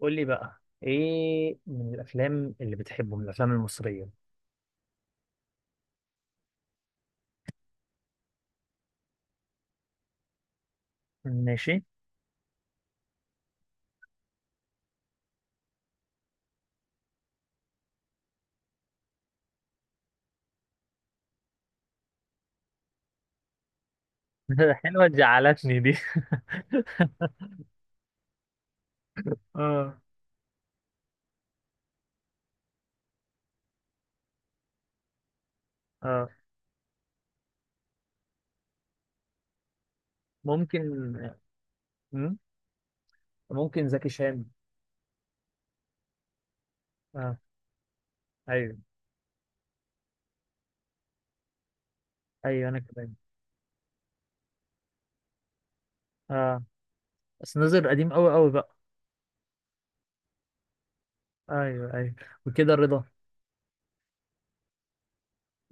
قول لي بقى ايه من الافلام اللي بتحبه من الافلام المصريه. ماشي. حلوة زعلتني دي. اه. اه، ممكن. مم؟ ممكن زكي شان. اه، ايوه ايوه انا كمان. اه بس نظر قديم قوي قوي بقى. ايوه ايوه، وكده رضا.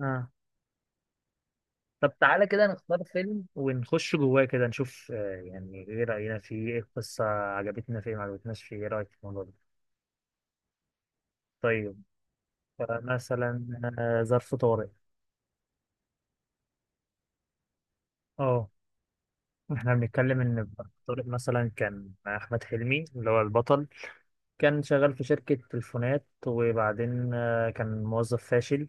اه، طب تعالى كده نختار فيلم ونخش جواه كده نشوف، يعني ايه راينا فيه، ايه القصه، عجبتنا فيه ما عجبتناش فيه، ايه رايك في الموضوع ده؟ طيب، فمثلا ظرف طارق. اه، احنا بنتكلم ان طارق مثلا كان احمد حلمي اللي هو البطل. كان شغال في شركة تليفونات، وبعدين كان موظف فاشل.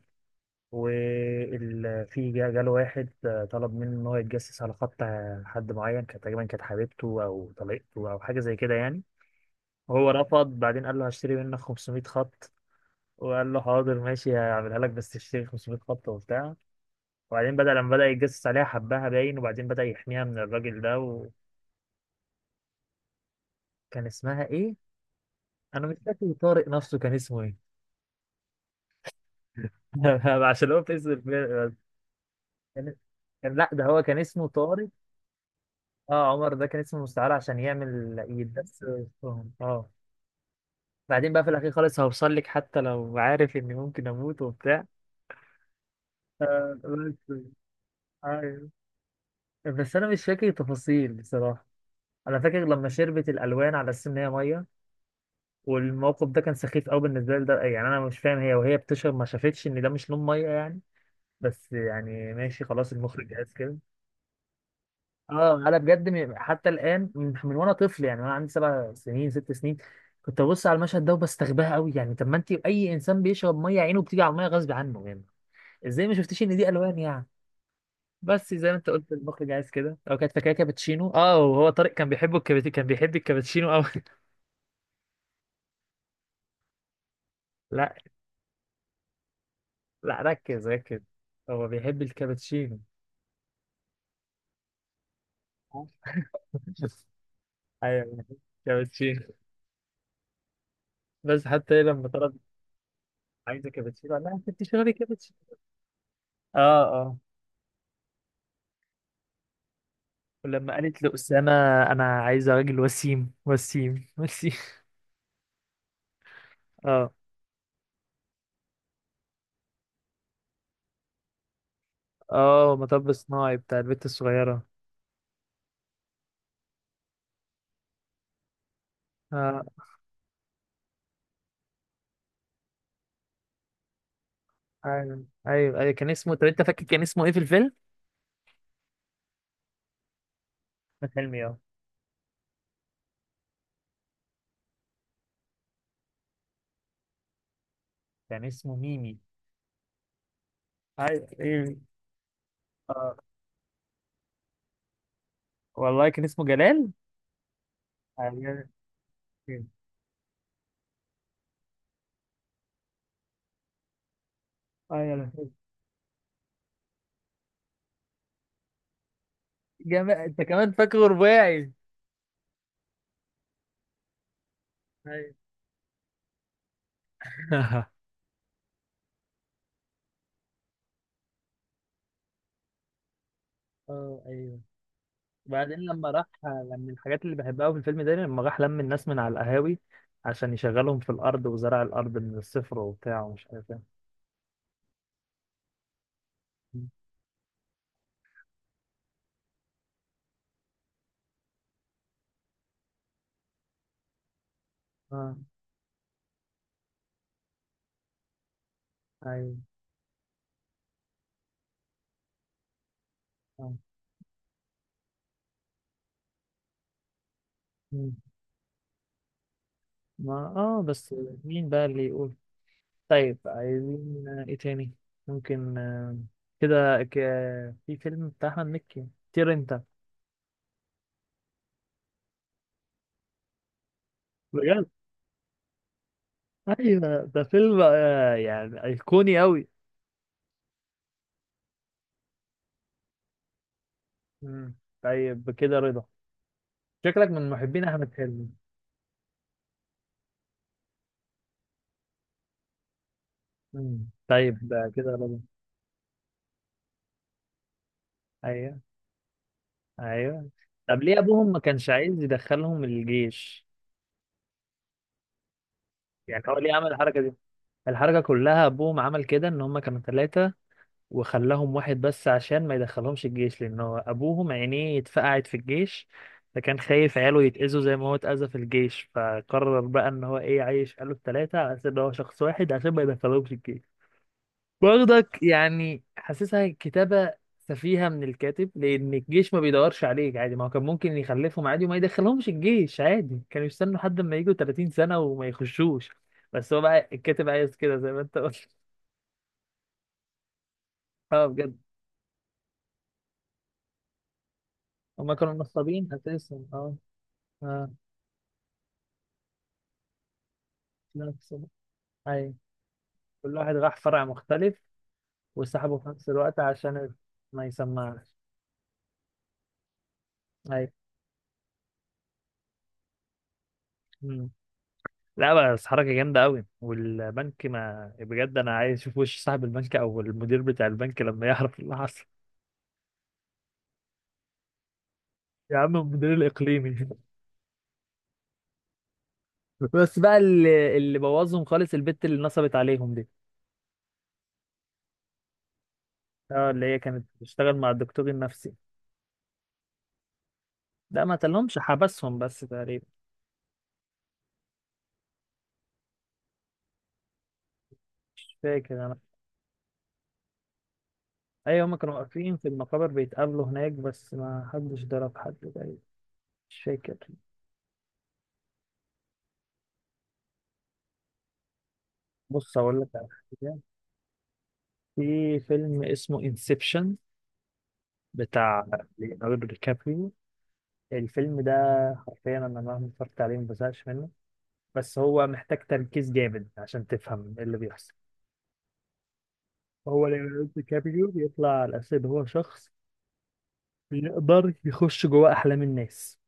وفي جاله واحد طلب منه ان هو يتجسس على خط حد معين، كانت تقريبا كانت حبيبته او طليقته او حاجة زي كده يعني. وهو رفض، بعدين قال له هشتري منك 500 خط. وقال له حاضر ماشي هعملها لك بس تشتري 500 خط وبتاع. وبعدين لما بدأ يتجسس عليها حبها باين، وبعدين بدأ يحميها من الراجل ده و... كان اسمها ايه؟ انا مش فاكر طارق نفسه كان اسمه ايه. عشان هو في اسم الفيلم. كان، لا ده هو كان اسمه طارق. اه، عمر ده كان اسمه مستعار عشان يعمل يتدس وسطهم. اه، بعدين بقى في الاخير خالص هوصل لك حتى لو عارف اني ممكن اموت وبتاع، بس. ايوه، بس انا مش فاكر تفاصيل بصراحه. انا فاكر لما شربت الالوان على اساس ان هي ميه، والموقف ده كان سخيف قوي بالنسبه لي ده، يعني انا مش فاهم، هي وهي بتشرب ما شافتش ان ده مش لون ميه يعني. بس يعني ماشي خلاص المخرج قاس كده. اه انا بجد، حتى الان من وانا طفل يعني، وانا عندي 7 سنين، 6 سنين، كنت ببص على المشهد ده وبستغباها قوي، يعني طب ما انت اي انسان بيشرب ميه عينه بتيجي على الميه غصب عنه يعني. ازاي ما شفتيش ان دي الوان يعني؟ بس زي ما انت قلت المخرج عايز كده، او كانت فاكره كابتشينو. اه، وهو طارق كان بيحبه كان بيحب الكابتشينو قوي. لا، ركز ركز، هو بيحب الكابتشينو. ايوه كابتشينو. بس حتى هي لما طلبت عايزه كابتشينو قال لها انت بتشربي كابتشينو. اه. آه. ولما قالت لأسامة أنا عايزة راجل وسيم وسيم وسيم. اه. اه، مطب صناعي بتاع البت الصغيرة. اه ايوه ايوه ايوه كان اسمه، طب انت فاكر كان اسمه ايه في الفيلم؟ أحمد حلمي، اه. كان اسمه ميمي. ايوه ايوه. اه والله كان اسمه جلال. ايوه ايوه، جمال، انت كمان فاكره رباعي. ايوه. اه ايوه. وبعدين لما راح، لما من الحاجات اللي بحبها في الفيلم ده، لما راح لم الناس من على القهاوي عشان يشغلهم في الأرض وزرع الأرض من الصفر وبتاع ومش عارف ايه. اه. ايوه. اه. مم. ما اه بس، مين بقى اللي يقول. طيب عايزين ايه تاني؟ ممكن كده، في فيلم بتاع أحمد مكي، طير انت. بجد، ايوه ده فيلم يعني أيقوني أوي. مم. طيب كده رضا. شكلك من محبين أحمد حلمي. مم. طيب ده كده رضا. ايوه ايوه. طب ليه ابوهم ما كانش عايز يدخلهم الجيش؟ يعني هو ليه عمل الحركه دي؟ الحركه كلها ابوهم عمل كده ان هم كانوا 3، وخلاهم واحد بس عشان ما يدخلهمش الجيش، لان هو ابوهم عينيه اتفقعت في الجيش، فكان خايف عياله يتأذوا زي ما هو اتأذى في الجيش، فقرر بقى ان هو ايه عايش قاله ال 3 على اساس ان هو شخص واحد عشان ما يدخلهمش. برضك يعني حاسسها كتابة سفيهة من الكاتب، لأن الجيش ما بيدورش عليك عادي، ما هو كان ممكن يخلفهم عادي وما يدخلهمش الجيش عادي، كانوا يستنوا لحد ما يجوا 30 سنة وما يخشوش. بس هو بقى الكاتب عايز كده زي ما أنت قلت. أه بجد. هما كانوا نصابين أساسا، أه. أه، نفس أيوة، كل واحد راح فرع مختلف وسحبه في نفس الوقت عشان ما يسمعش. أيوة. مم. لا بس حركة جامدة قوي، والبنك، ما بجد انا عايز اشوف وش صاحب البنك او المدير بتاع البنك لما يعرف اللي حصل. يا عم المدير الاقليمي. بس بقى اللي بوظهم خالص البت اللي نصبت عليهم دي. اه اللي هي كانت بتشتغل مع الدكتور النفسي. لا ما قتلهمش، حبسهم بس تقريبا. مش فاكر انا. ايوه هما كانوا واقفين في المقابر بيتقابلوا هناك بس ما حدش ضرب حد تقريبا. مش فاكر. بص اقول لك على حاجه، في فيلم اسمه انسبشن بتاع ليوناردو دي كابريو. الفيلم ده حرفيا انا مهما اتفرجت عليه ما بزهقش منه، بس هو محتاج تركيز جامد عشان تفهم ايه اللي بيحصل. هو ليوناردو دي كابريو بيطلع على اساس ان هو شخص بيقدر يخش جوه احلام الناس.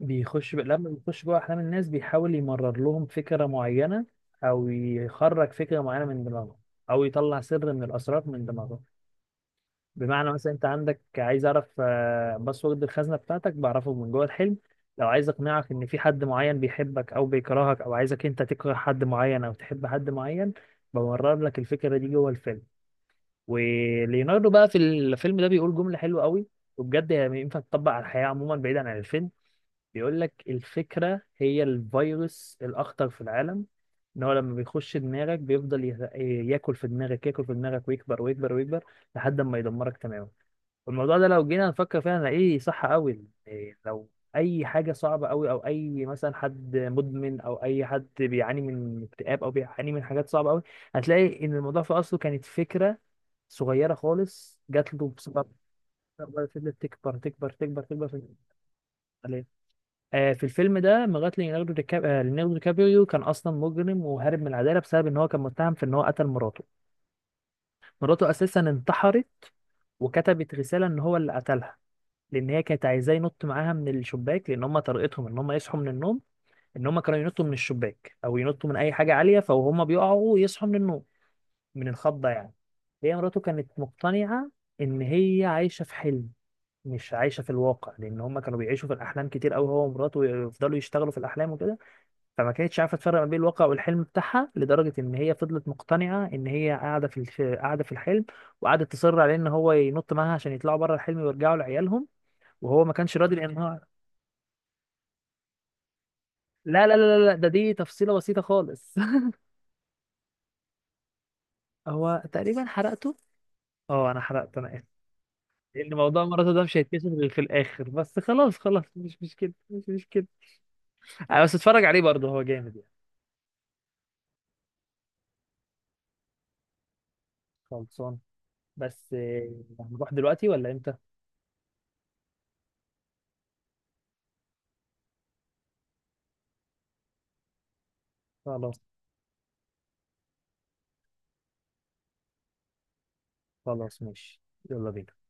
بيخش، لما بيخش جوه احلام الناس بيحاول يمرر لهم فكرة معينة، او يخرج فكرة معينة من دماغهم، او يطلع سر من الاسرار من دماغهم. بمعنى مثلا انت عندك، عايز اعرف باسورد الخزنه بتاعتك، بعرفه من جوه الحلم. لو عايز اقنعك ان في حد معين بيحبك او بيكرهك، او عايزك انت تكره حد معين او تحب حد معين، بمرر لك الفكره دي جوه الفيلم. وليوناردو بقى في الفيلم ده بيقول جمله حلوه قوي، وبجد هي ينفع تطبق على الحياه عموما بعيدا عن الفيلم. بيقول لك الفكره هي الفيروس الاخطر في العالم. ان هو لما بيخش دماغك بيفضل ياكل في دماغك، ياكل في دماغك، ويكبر ويكبر ويكبر لحد ما يدمرك تماما. الموضوع ده لو جينا نفكر فيها هنلاقيه صح قوي، لو اي حاجه صعبه قوي، او اي مثلا حد مدمن او اي حد بيعاني من اكتئاب او بيعاني من حاجات صعبه قوي، هتلاقي ان الموضوع في اصله كانت فكره صغيره خالص جات له بصفه، فضلت تكبر تكبر تكبر تكبر في عليه. في الفيلم ده لغايه ليوناردو دي كابريو كان اصلا مجرم وهارب من العداله بسبب ان هو كان متهم في ان هو قتل مراته. مراته اساسا انتحرت وكتبت رساله ان هو اللي قتلها، لان هي كانت عايزاه ينط معاها من الشباك، لان هم طريقتهم ان هم يصحوا من النوم، ان هم كانوا ينطوا من الشباك او ينطوا من اي حاجه عاليه فهم بيقعوا يصحوا من النوم من الخضه يعني. هي مراته كانت مقتنعه ان هي عايشه في حلم مش عايشه في الواقع، لان هم كانوا بيعيشوا في الاحلام كتير قوي، هو ومراته يفضلوا يشتغلوا في الاحلام وكده. فما كانتش عارفه تفرق ما بين الواقع والحلم بتاعها، لدرجه ان هي فضلت مقتنعه ان هي قاعده في قاعده في الحلم. وقعدت تصر عليه ان هو ينط معاها عشان يطلعوا بره الحلم ويرجعوا لعيالهم، وهو ما كانش راضي لان هو، لا ده دي تفصيلة بسيطة خالص. هو تقريبا حرقته. اه انا حرقته، انا اسف. لان موضوع مراته ده مش هيتكشف غير في الاخر، بس خلاص خلاص، مش كده مش كده. انا بس اتفرج عليه برضه هو جامد يعني. خلصان. بس هنروح دلوقتي ولا امتى؟ خلاص. خلاص ماشي. يلا بينا.